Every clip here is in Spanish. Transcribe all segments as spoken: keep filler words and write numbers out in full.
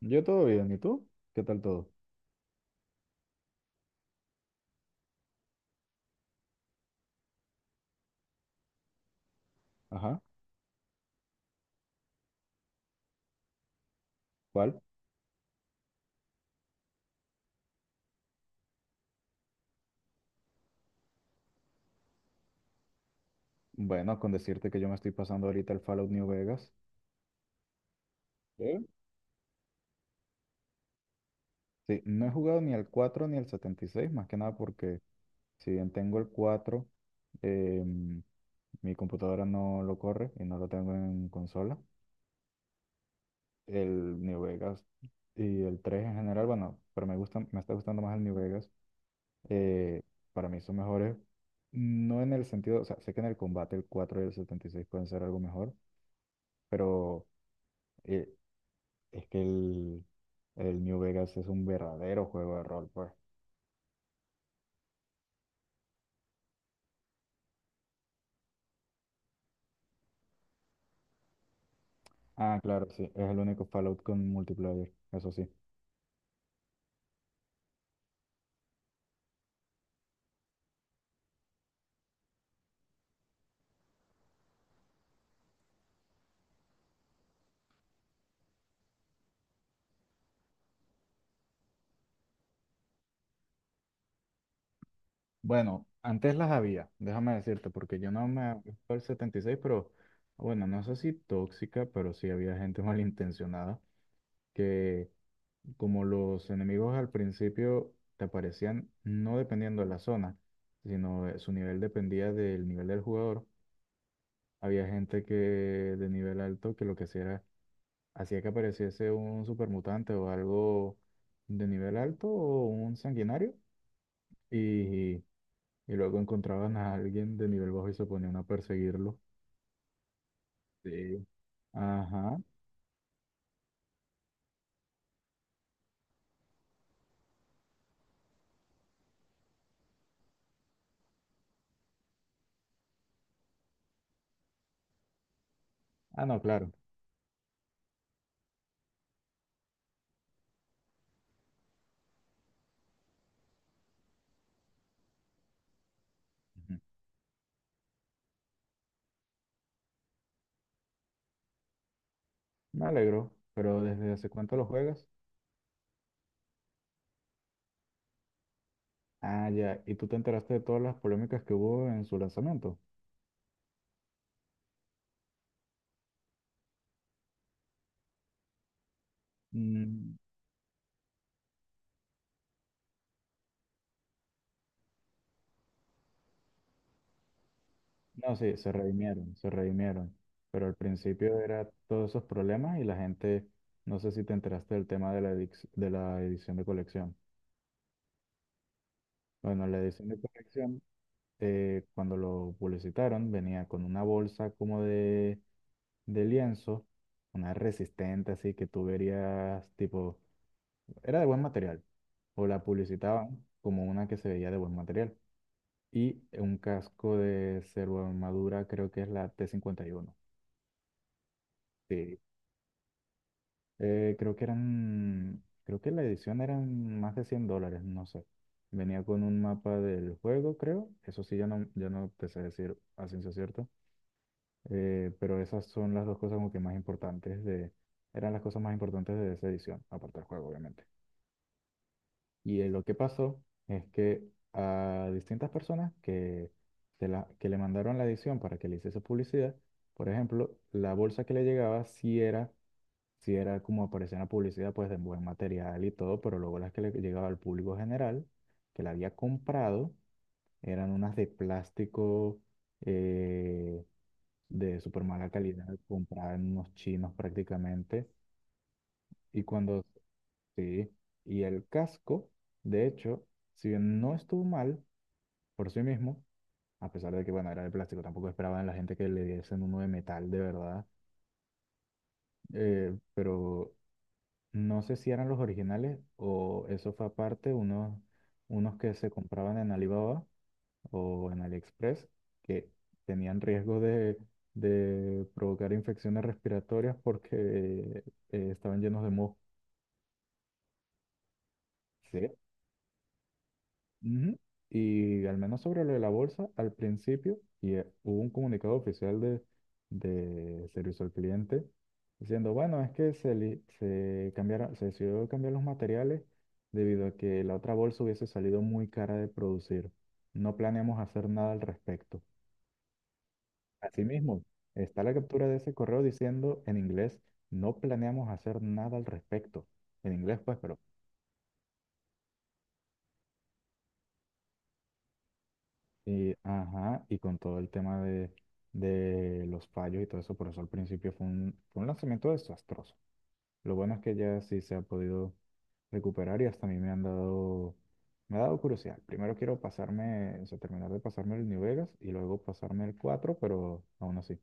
Yo todo bien, ¿y tú? ¿Qué tal todo? Ajá, ¿cuál? Bueno, con decirte que yo me estoy pasando ahorita el Fallout New Vegas. ¿Eh? Sí, no he jugado ni el cuatro ni el seis más que nada porque si bien tengo el cuatro em, mi computadora no lo corre y no lo tengo en consola. El New Vegas y el tres en general, bueno, pero me gusta, me está gustando más el New Vegas. eh, para mí son mejores, no en el sentido, o sea, sé que en el combate el cuatro y el setenta y seis pueden ser algo mejor, pero... eh, Es que el, el New Vegas es un verdadero juego de rol, pues. Ah, claro, sí, es el único Fallout con multiplayer, eso sí. Bueno, antes las había, déjame decirte, porque yo no me acuerdo el setenta y seis, pero bueno, no sé si tóxica, pero sí había gente malintencionada que, como los enemigos al principio te aparecían no dependiendo de la zona, sino de- su nivel dependía del nivel del jugador. Había gente que de nivel alto que lo que hacía era, hacía que apareciese un supermutante o algo de nivel alto o un sanguinario. Y, y luego encontraban a alguien de nivel bajo y se ponían a perseguirlo. Sí. Ajá. Ah, no, claro. Ujú. Me alegro. Pero ¿desde hace cuánto lo juegas? Ah, ya. ¿Y tú te enteraste de todas las polémicas que hubo en su lanzamiento? Mm, no, sí, se redimieron, se redimieron. Pero al principio era todos esos problemas y la gente, no sé si te enteraste del tema de la, edic- de la edición de colección. Bueno, la edición de colección, eh, cuando lo publicitaron, venía con una bolsa como de, de lienzo, una resistente, así que tú verías, tipo, era de buen material, o la publicitaban como una que se veía de buen material, y un casco de armadura, creo que es la t cincuenta y uno. Sí, eh, creo que eran, creo que la edición eran más de cien dólares, no sé. Venía con un mapa del juego, creo. Eso sí, ya no, ya no te sé decir a ciencia cierta. Eh, pero esas son las dos cosas como que más importantes de, eran las cosas más importantes de esa edición, aparte del juego, obviamente. Y eh, lo que pasó es que a distintas personas que, se la, que le mandaron la edición para que le hiciese publicidad, por ejemplo, la bolsa que le llegaba sí era, sí era como aparecía en la publicidad, pues de buen material y todo, pero luego las que le llegaba al público general, que la había comprado, eran unas de plástico. eh, de súper mala calidad, comprada en unos chinos prácticamente. Y cuando, sí, y el casco, de hecho, si bien no estuvo mal por sí mismo, a pesar de que, bueno, era de plástico, tampoco esperaban la gente que le diesen uno de metal de verdad, eh, pero no sé si eran los originales o eso fue aparte, unos, unos que se compraban en Alibaba o en AliExpress que tenían riesgo de, de provocar infecciones respiratorias porque eh, estaban llenos de moho. Sí. Ujú. Y al menos sobre lo de la bolsa, al principio, y eh, hubo un comunicado oficial de, de servicio al cliente diciendo, bueno, es que se, li- se cambiaron, se decidió cambiar los materiales debido a que la otra bolsa hubiese salido muy cara de producir. No planeamos hacer nada al respecto. Asimismo, está la captura de ese correo diciendo en inglés, no planeamos hacer nada al respecto. En inglés, pues, pero... Y, ajá, y con todo el tema de, de los fallos y todo eso, por eso al principio fue un, fue un lanzamiento desastroso. Lo bueno es que ya sí se ha podido recuperar y hasta a mí me han dado, me ha dado curiosidad. Primero quiero pasarme, o sea, terminar de pasarme el New Vegas y luego pasarme el cuatro, pero aún así.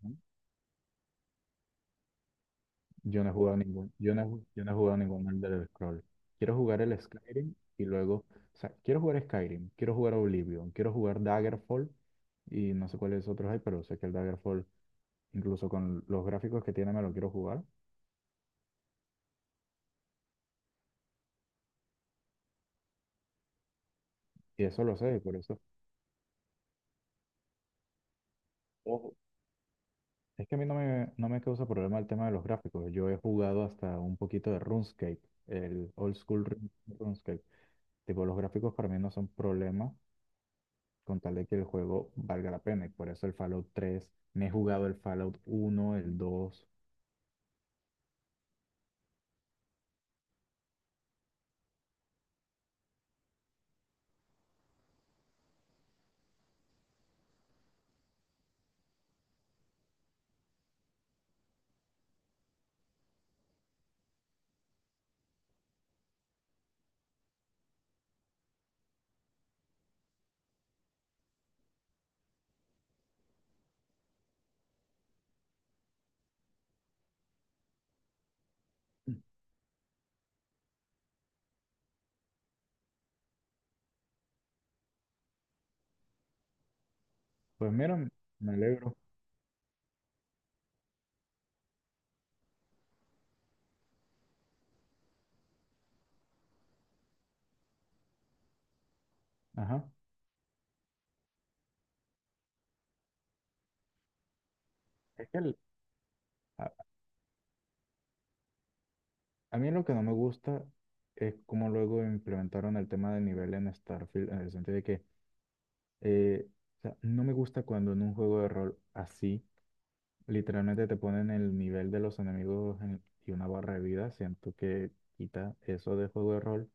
¿No? Yo no he jugado ningún, yo no he, ju- yo no he jugado ningún Elder Scroll. Quiero jugar el Skyrim y luego, o sea, quiero jugar Skyrim, quiero jugar Oblivion, quiero jugar Daggerfall y no sé cuáles otros hay, pero sé que el Daggerfall, incluso con los gráficos que tiene, me lo quiero jugar. Y eso lo sé, y por eso. Ojo. Es que a mí no me, no me causa problema el tema de los gráficos. Yo he jugado hasta un poquito de RuneScape, el old school Run- RuneScape. Tipo, los gráficos para mí no son problema con tal de que el juego valga la pena. Y por eso el Fallout tres, me he jugado el Fallout uno, el dos. Pues mira, me alegro. Ajá. Es que el- a, a mí lo que no me gusta es cómo luego implementaron el tema de nivel en Starfield, en el sentido de que eh, o sea, no me gusta cuando en un juego de rol así, literalmente te ponen el nivel de los enemigos en- y una barra de vida. Siento que quita eso de juego de rol.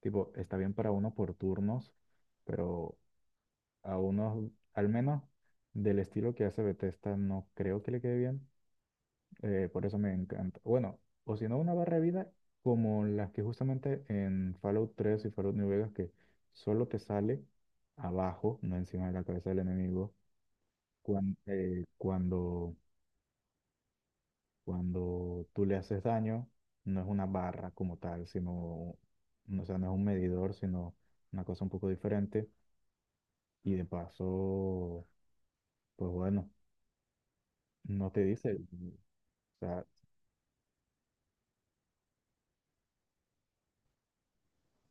Tipo, está bien para uno por turnos, pero a unos, al menos del estilo que hace Bethesda, no creo que le quede bien. Eh, por eso me encanta. Bueno, o si no, una barra de vida como las que justamente en Fallout tres y Fallout New Vegas, que solo te sale abajo, no encima de la cabeza del enemigo, cuan- eh, cuando, cuando tú le haces daño, no es una barra como tal, sino, no, o sea, no es un medidor, sino una cosa un poco diferente. Y de paso, pues bueno, no te dice. O sea,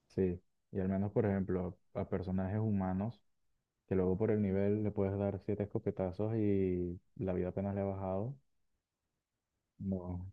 sí. Y al menos, por ejemplo, a, a personajes humanos, que luego por el nivel le puedes dar siete escopetazos y la vida apenas le ha bajado. No,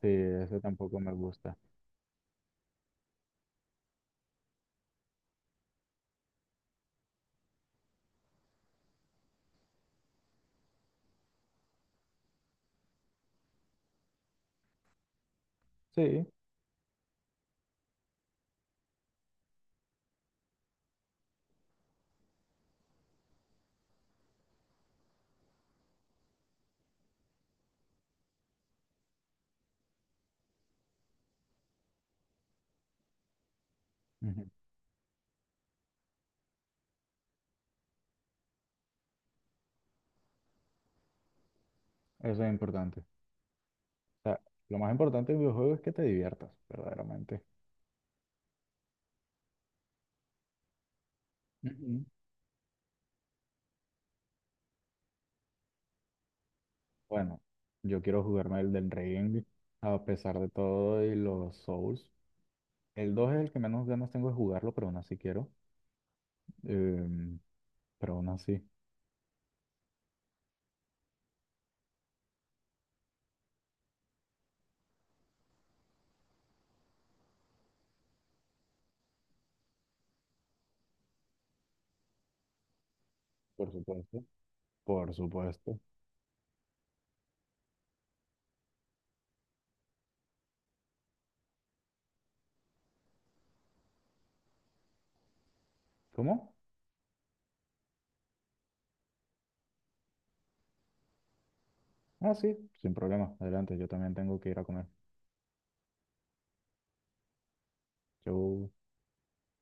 sí, eso tampoco me gusta. Sí, ujú. Eso es importante. O sea, lo más importante del videojuego es que te diviertas, verdaderamente. Ujú. Bueno, yo quiero jugarme el del Ring, a pesar de todo, y los Souls. El dos es el que menos ganas tengo de jugarlo, pero aún así quiero. Em, pero aún así, por supuesto. Por supuesto. ¿Cómo? Ah, sí, sin problema. Adelante, yo también tengo que ir a comer. Yo